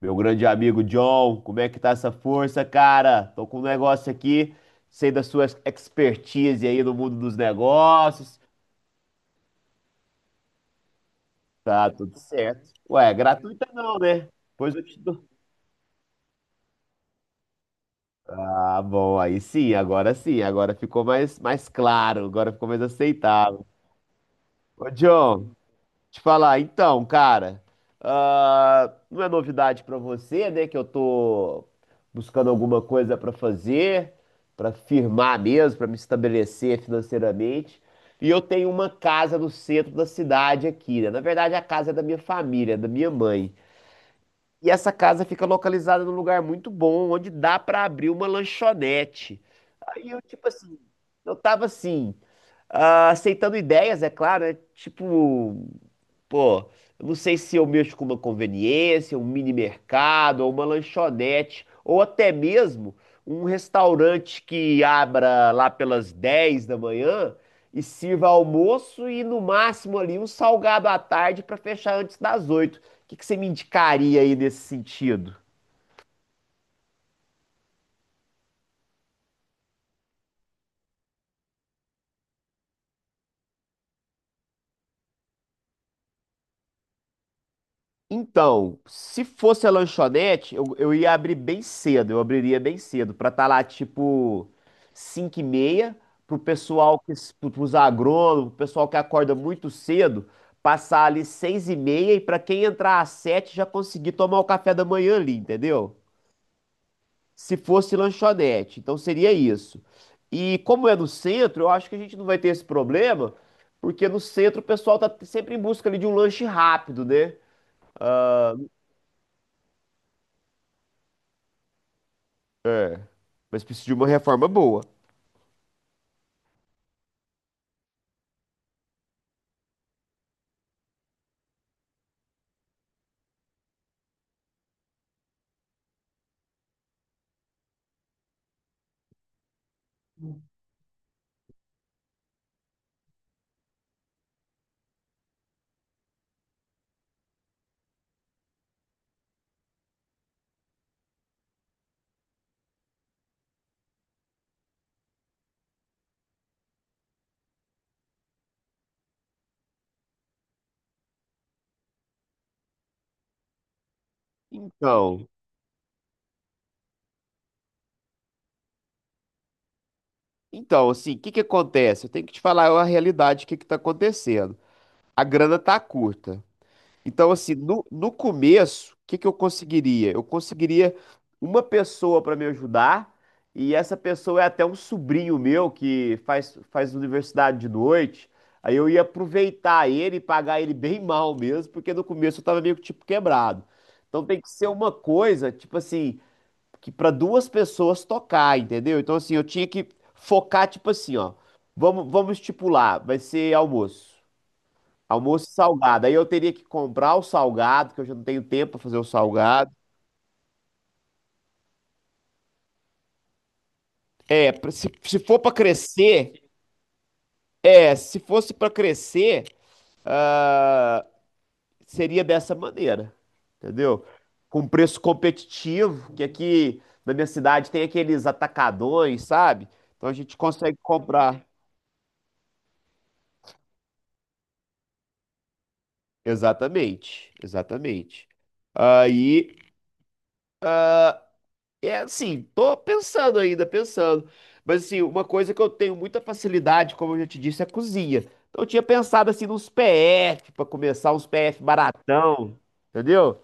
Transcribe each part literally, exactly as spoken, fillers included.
Meu grande amigo John, como é que tá essa força, cara? Tô com um negócio aqui, sei da sua expertise aí no mundo dos negócios. Tá tudo certo. Ué, é gratuita não, né? Pois eu te dou. Ah, bom, aí sim, agora sim, agora ficou mais, mais claro, agora ficou mais aceitável. Ô, John, te falar, então, cara, ah, não é novidade pra você, né, que eu tô buscando alguma coisa pra fazer, pra firmar mesmo, pra me estabelecer financeiramente. E eu tenho uma casa no centro da cidade aqui, né? Na verdade, a casa é da minha família, é da minha mãe. E essa casa fica localizada num lugar muito bom, onde dá pra abrir uma lanchonete. Aí eu, tipo assim, eu tava assim, ah, aceitando ideias, é claro, né? Tipo pô, eu não sei se eu mexo com uma conveniência, um mini mercado, ou uma lanchonete, ou até mesmo um restaurante que abra lá pelas dez da manhã e sirva almoço e no máximo ali um salgado à tarde para fechar antes das oito. O que que você me indicaria aí nesse sentido? Então, se fosse a lanchonete, eu, eu ia abrir bem cedo, eu abriria bem cedo, pra estar lá tipo cinco e meia, pro pessoal que, pro- pros agrônomos, pro pessoal que acorda muito cedo, passar ali seis e meia e pra quem entrar às sete já conseguir tomar o café da manhã ali, entendeu? Se fosse lanchonete, então seria isso. E como é no centro, eu acho que a gente não vai ter esse problema, porque no centro o pessoal tá sempre em busca ali de um lanche rápido, né? Mas precisa de uma reforma boa. Então, então, assim, o que que acontece? Eu tenho que te falar a realidade, o que que tá acontecendo. A grana tá curta. Então, assim, no, no começo, o que que eu conseguiria? Eu conseguiria uma pessoa para me ajudar, e essa pessoa é até um sobrinho meu que faz, faz universidade de noite. Aí eu ia aproveitar ele e pagar ele bem mal mesmo, porque no começo eu tava meio que tipo quebrado. Então tem que ser uma coisa, tipo assim, que para duas pessoas tocar, entendeu? Então assim, eu tinha que focar tipo assim, ó. Vamos, vamos estipular, vai ser almoço. Almoço e salgado. Aí eu teria que comprar o salgado, que eu já não tenho tempo para fazer o salgado. É, pra- se, se for para crescer, é, se fosse para crescer, seria dessa maneira, entendeu? Com preço competitivo, que aqui na minha cidade tem aqueles atacadões, sabe? Então a gente consegue comprar. Exatamente, exatamente. Aí, é assim, tô pensando ainda, pensando. Mas assim, uma coisa que eu tenho muita facilidade, como eu já te disse, é a cozinha. Então eu tinha pensado assim nos P F, pra começar uns P F baratão, entendeu?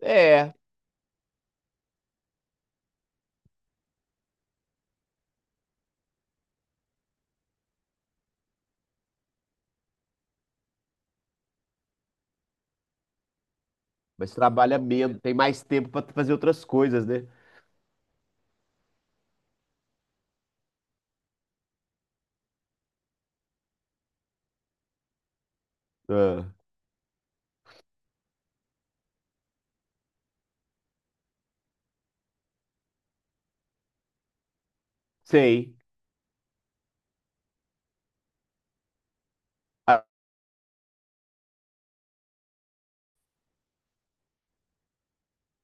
É, mas trabalha menos, tem mais tempo pra fazer outras coisas, né? Ah, sei. Ah,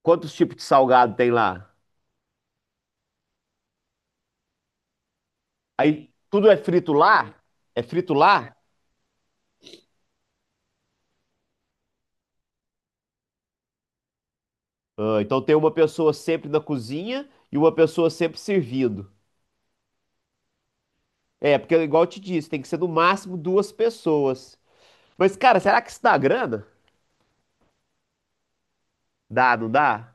quantos tipos de salgado tem lá? Aí, tudo é frito lá? É frito lá? Ah, então tem uma pessoa sempre na cozinha e uma pessoa sempre servindo. É, porque igual eu te disse, tem que ser no máximo duas pessoas. Mas, cara, será que isso dá grana? Dá, não dá?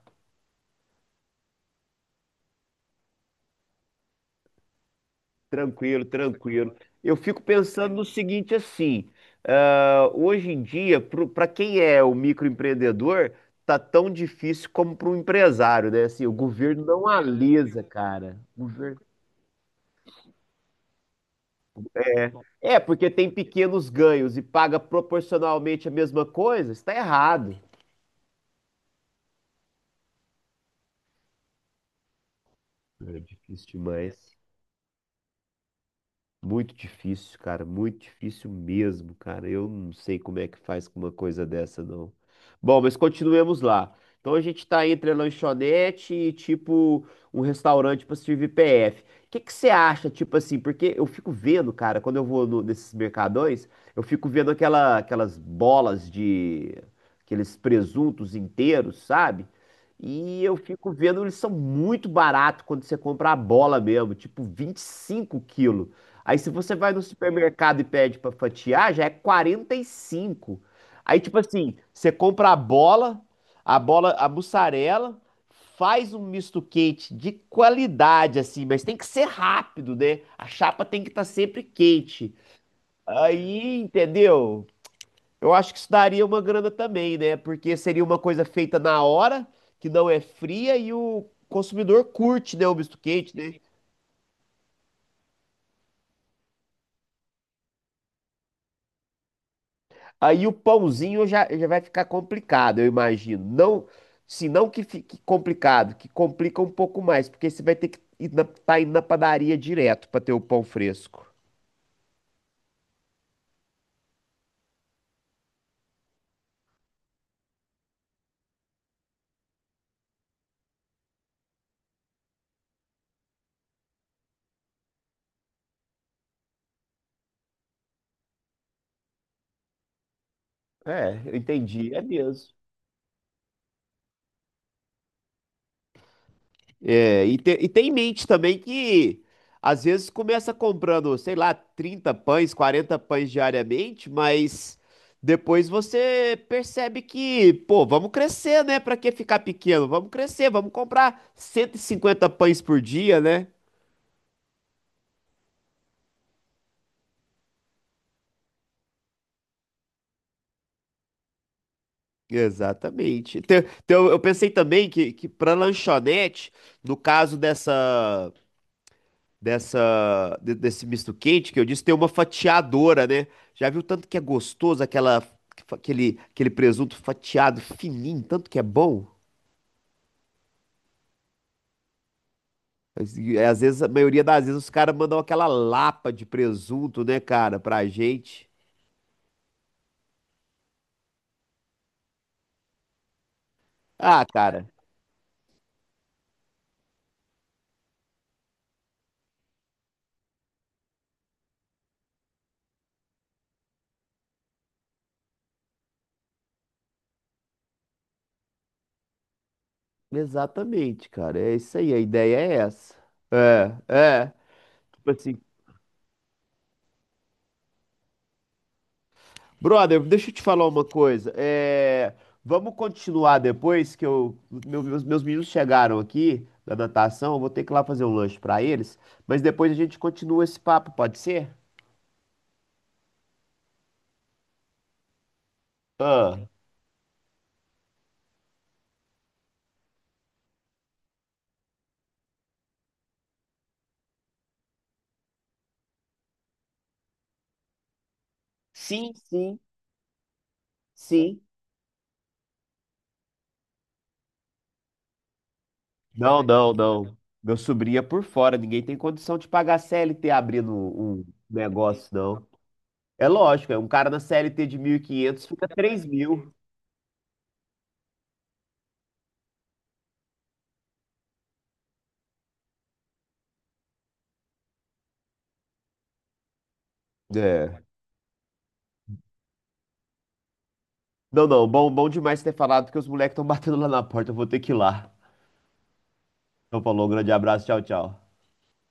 Tranquilo, tranquilo. Eu fico pensando no seguinte assim, ah, hoje em dia, para quem é o microempreendedor, tá tão difícil como para um empresário, né? Assim, o governo não alisa, cara. O governo... É, porque tem pequenos ganhos e paga proporcionalmente a mesma coisa, está errado. É difícil demais. Muito difícil, cara, muito difícil mesmo, cara. Eu não sei como é que faz com uma coisa dessa, não. Bom, mas continuemos lá. Então a gente tá entre a lanchonete e tipo um restaurante pra servir P F. O que que você acha, tipo assim? Porque eu fico vendo, cara, quando eu vou no- nesses mercadões, eu fico vendo aquela, aquelas bolas de aqueles presuntos inteiros, sabe? E eu fico vendo, eles são muito baratos quando você compra a bola mesmo, tipo vinte e cinco quilos. Aí se você vai no supermercado e pede pra fatiar, já é quarenta e cinco. Aí tipo assim, você compra a bola, a bola, a mussarela, faz um misto quente de qualidade assim, mas tem que ser rápido, né? A chapa tem que estar sempre quente. Aí, entendeu? Eu acho que isso daria uma grana também, né? Porque seria uma coisa feita na hora, que não é fria e o consumidor curte, né, o misto quente, né? Aí o pãozinho já, já vai ficar complicado, eu imagino. Não, se não que fique complicado, que complica um pouco mais, porque você vai ter que ir na, tá indo na padaria direto para ter o pão fresco. É, eu entendi, é mesmo. É, e, te- e tem em mente também que às vezes começa comprando, sei lá, trinta pães, quarenta pães diariamente, mas depois você percebe que, pô, vamos crescer, né? Pra que ficar pequeno? Vamos crescer, vamos comprar cento e cinquenta pães por dia, né? Exatamente. Então, então eu pensei também que, que para lanchonete, no caso dessa. dessa de- desse misto quente que eu disse, tem uma fatiadora, né? Já viu tanto que é gostoso aquela aquele aquele presunto fatiado fininho, tanto que é bom? Mas, e, é, Às vezes, a maioria das vezes os caras mandam aquela lapa de presunto, né, cara, pra gente. Ah, cara, exatamente, cara. É isso aí, a ideia é essa. É, é. Tipo assim, brother, deixa eu te falar uma coisa. É, vamos continuar depois que eu, meu- meus, meus meninos chegaram aqui da natação. Eu vou ter que ir lá fazer um lanche para eles, mas depois a gente continua esse papo, pode ser? Ah, sim, sim, sim. Não, não, não. Meu sobrinho é por fora. Ninguém tem condição de pagar C L T abrindo um um negócio, não. É lógico, é um cara na C L T de mil e quinhentos fica três mil. É. Não, não, bom, bom demais ter falado, porque os moleques estão batendo lá na porta. Eu vou ter que ir lá. Então falou, um grande abraço, tchau, tchau.